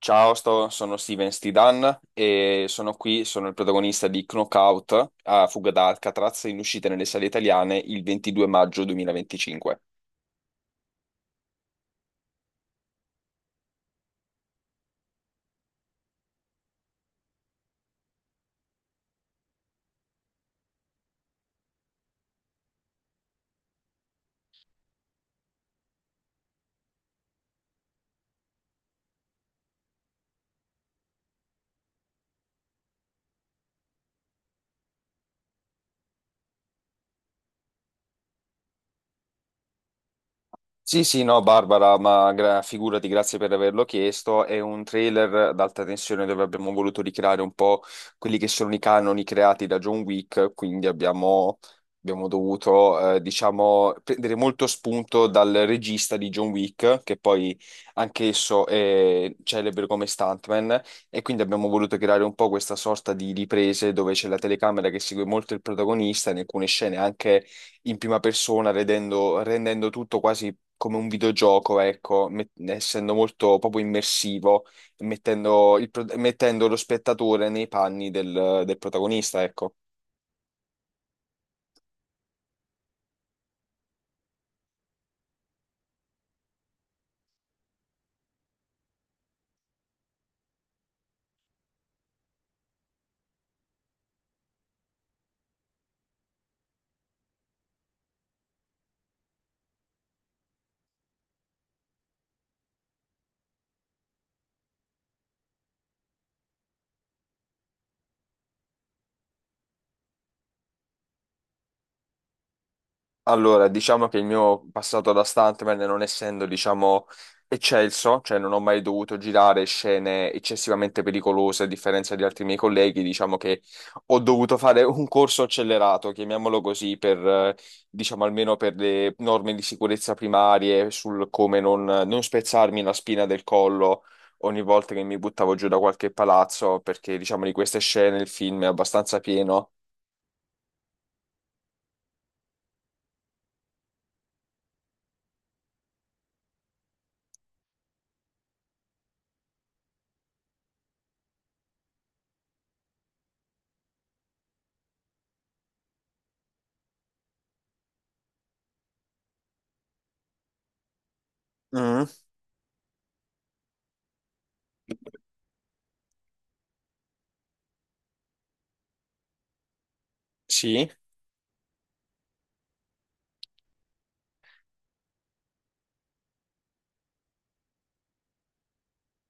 Ciao, sono Steven Stidan e sono qui, sono il protagonista di Knockout a fuga da Alcatraz in uscita nelle sale italiane il 22 maggio 2025. Sì, sì, no, Barbara, ma figurati, grazie per averlo chiesto. È un trailer ad alta tensione dove abbiamo voluto ricreare un po' quelli che sono i canoni creati da John Wick, quindi abbiamo dovuto, diciamo, prendere molto spunto dal regista di John Wick, che poi anch'esso è celebre come stuntman, e quindi abbiamo voluto creare un po' questa sorta di riprese dove c'è la telecamera che segue molto il protagonista, in alcune scene anche in prima persona, rendendo tutto quasi come un videogioco, ecco, essendo molto proprio immersivo, mettendo lo spettatore nei panni del protagonista, ecco. Allora, diciamo che il mio passato da stuntman, non essendo, diciamo, eccelso, cioè non ho mai dovuto girare scene eccessivamente pericolose, a differenza di altri miei colleghi, diciamo che ho dovuto fare un corso accelerato, chiamiamolo così, per, diciamo, almeno per le norme di sicurezza primarie, sul come non spezzarmi la spina del collo ogni volta che mi buttavo giù da qualche palazzo, perché, diciamo, di queste scene il film è abbastanza pieno. Mm, sì.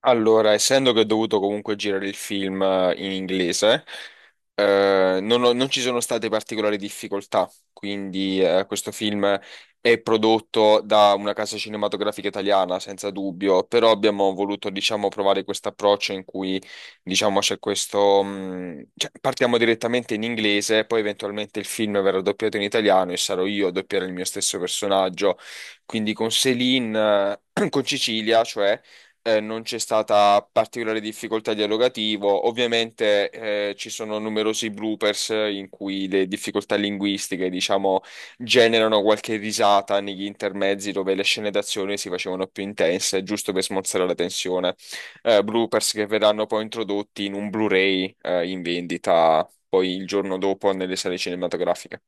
Allora, essendo che ho dovuto comunque girare il film in inglese, non ci sono state particolari difficoltà, quindi questo film è prodotto da una casa cinematografica italiana, senza dubbio, però abbiamo voluto, diciamo, provare questo approccio in cui, diciamo, c'è questo, cioè, partiamo direttamente in inglese, poi eventualmente il film verrà doppiato in italiano e sarò io a doppiare il mio stesso personaggio, quindi con Céline, con Cecilia, cioè non c'è stata particolare difficoltà dialogativo. Ovviamente ci sono numerosi bloopers in cui le difficoltà linguistiche, diciamo, generano qualche risata negli intermezzi dove le scene d'azione si facevano più intense, giusto per smorzare la tensione. Bloopers che verranno poi introdotti in un Blu-ray in vendita poi il giorno dopo nelle sale cinematografiche.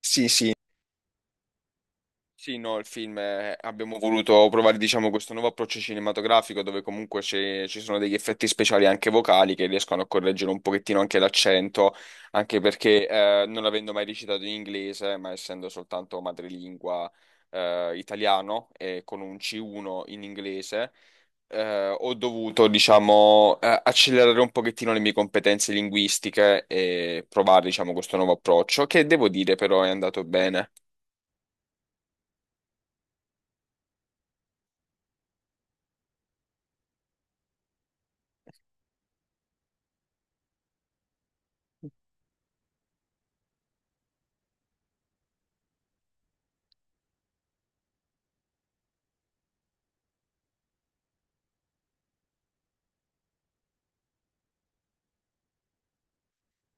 Sì, sì. Sì, no, il film abbiamo voluto provare, diciamo, questo nuovo approccio cinematografico dove comunque ci sono degli effetti speciali anche vocali che riescono a correggere un pochettino anche l'accento, anche perché non avendo mai recitato in inglese, ma essendo soltanto madrelingua italiano e con un C1 in inglese, ho dovuto, diciamo, accelerare un pochettino le mie competenze linguistiche e provare, diciamo, questo nuovo approccio, che devo dire però è andato bene.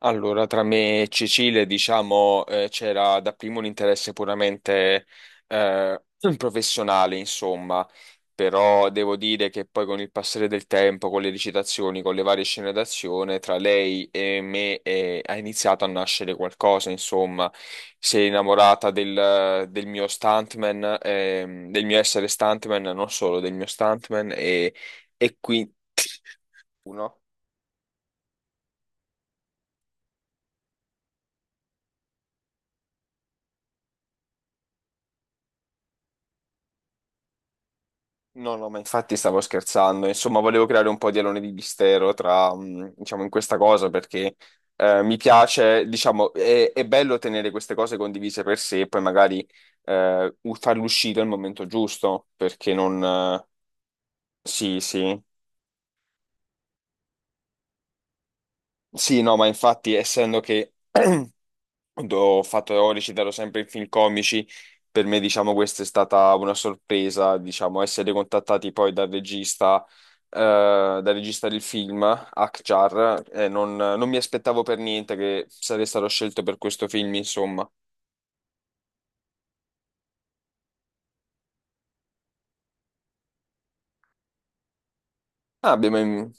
Allora, tra me e Cecile, diciamo, c'era dapprima un interesse puramente eh, professionale, insomma, però devo dire che poi con il passare del tempo, con le recitazioni, con le varie scene d'azione, tra lei e me ha iniziato a nascere qualcosa, insomma, si è innamorata del mio stuntman, del mio essere stuntman, non solo del mio stuntman, e qui. Uno. No, no, ma infatti stavo scherzando. Insomma, volevo creare un po' di alone di mistero tra, diciamo, in questa cosa perché mi piace, diciamo, è bello tenere queste cose condivise per sé e poi magari farle uscire al momento giusto perché non. Sì, sì. Sì, no, ma infatti, essendo che ho recitato sempre in film comici, per me, diciamo, questa è stata una sorpresa, diciamo, essere contattati poi dal regista, eh, del film, Akhtar, non mi aspettavo per niente che sarei stato scelto per questo film, insomma. Ah, abbiamo,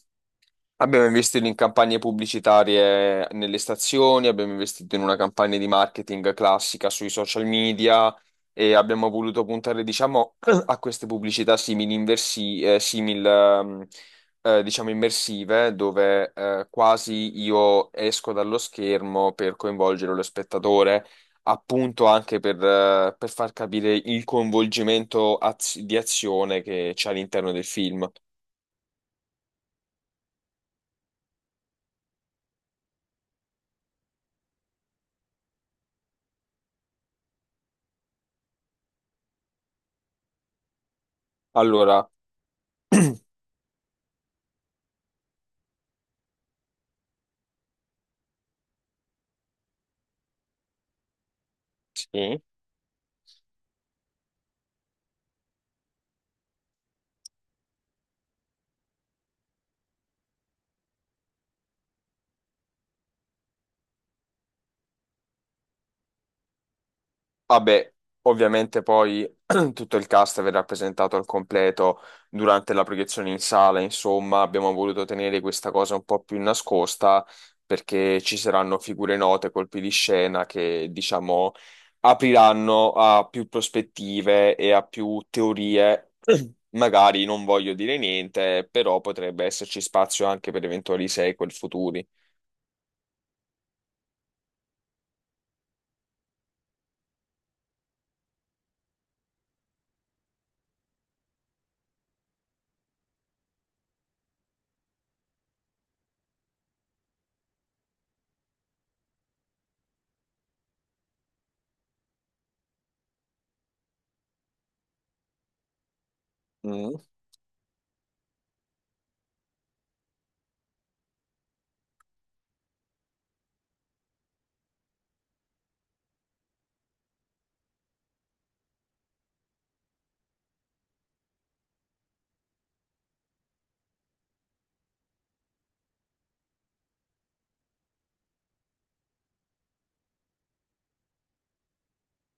Abbiamo investito in campagne pubblicitarie nelle stazioni, abbiamo investito in una campagna di marketing classica sui social media e abbiamo voluto puntare, diciamo, a queste pubblicità simili, inversi, diciamo, immersive, dove quasi io esco dallo schermo per coinvolgere lo spettatore, appunto anche per far capire il coinvolgimento di azione che c'è all'interno del film. Allora, sì. Vabbè, ovviamente poi tutto il cast verrà presentato al completo durante la proiezione in sala, insomma, abbiamo voluto tenere questa cosa un po' più nascosta perché ci saranno figure note, colpi di scena che, diciamo, apriranno a più prospettive e a più teorie. Magari non voglio dire niente, però potrebbe esserci spazio anche per eventuali sequel futuri. Mm.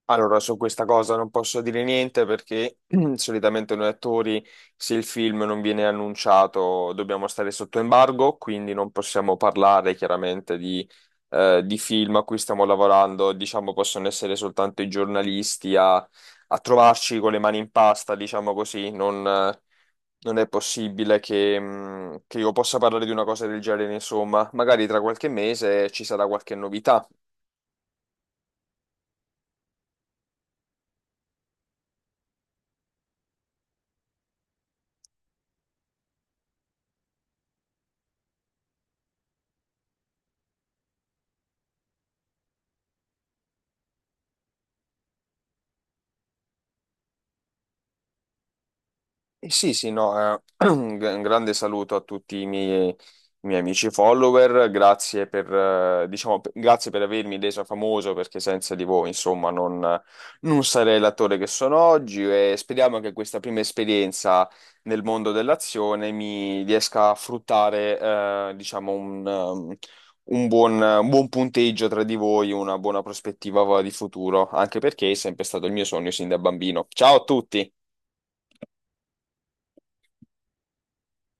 Allora, su questa cosa non posso dire niente perché solitamente noi attori, se il film non viene annunciato, dobbiamo stare sotto embargo, quindi non possiamo parlare chiaramente di film a cui stiamo lavorando. Diciamo, possono essere soltanto i giornalisti a trovarci con le mani in pasta, diciamo così. Non è possibile che io possa parlare di una cosa del genere, insomma. Magari tra qualche mese ci sarà qualche novità. Sì, sì, no, un grande saluto a tutti i miei amici follower, grazie per avermi reso famoso perché senza di voi, insomma, non sarei l'attore che sono oggi e speriamo che questa prima esperienza nel mondo dell'azione mi riesca a fruttare, diciamo, un buon punteggio tra di voi, una buona prospettiva di futuro, anche perché è sempre stato il mio sogno sin da bambino. Ciao a tutti!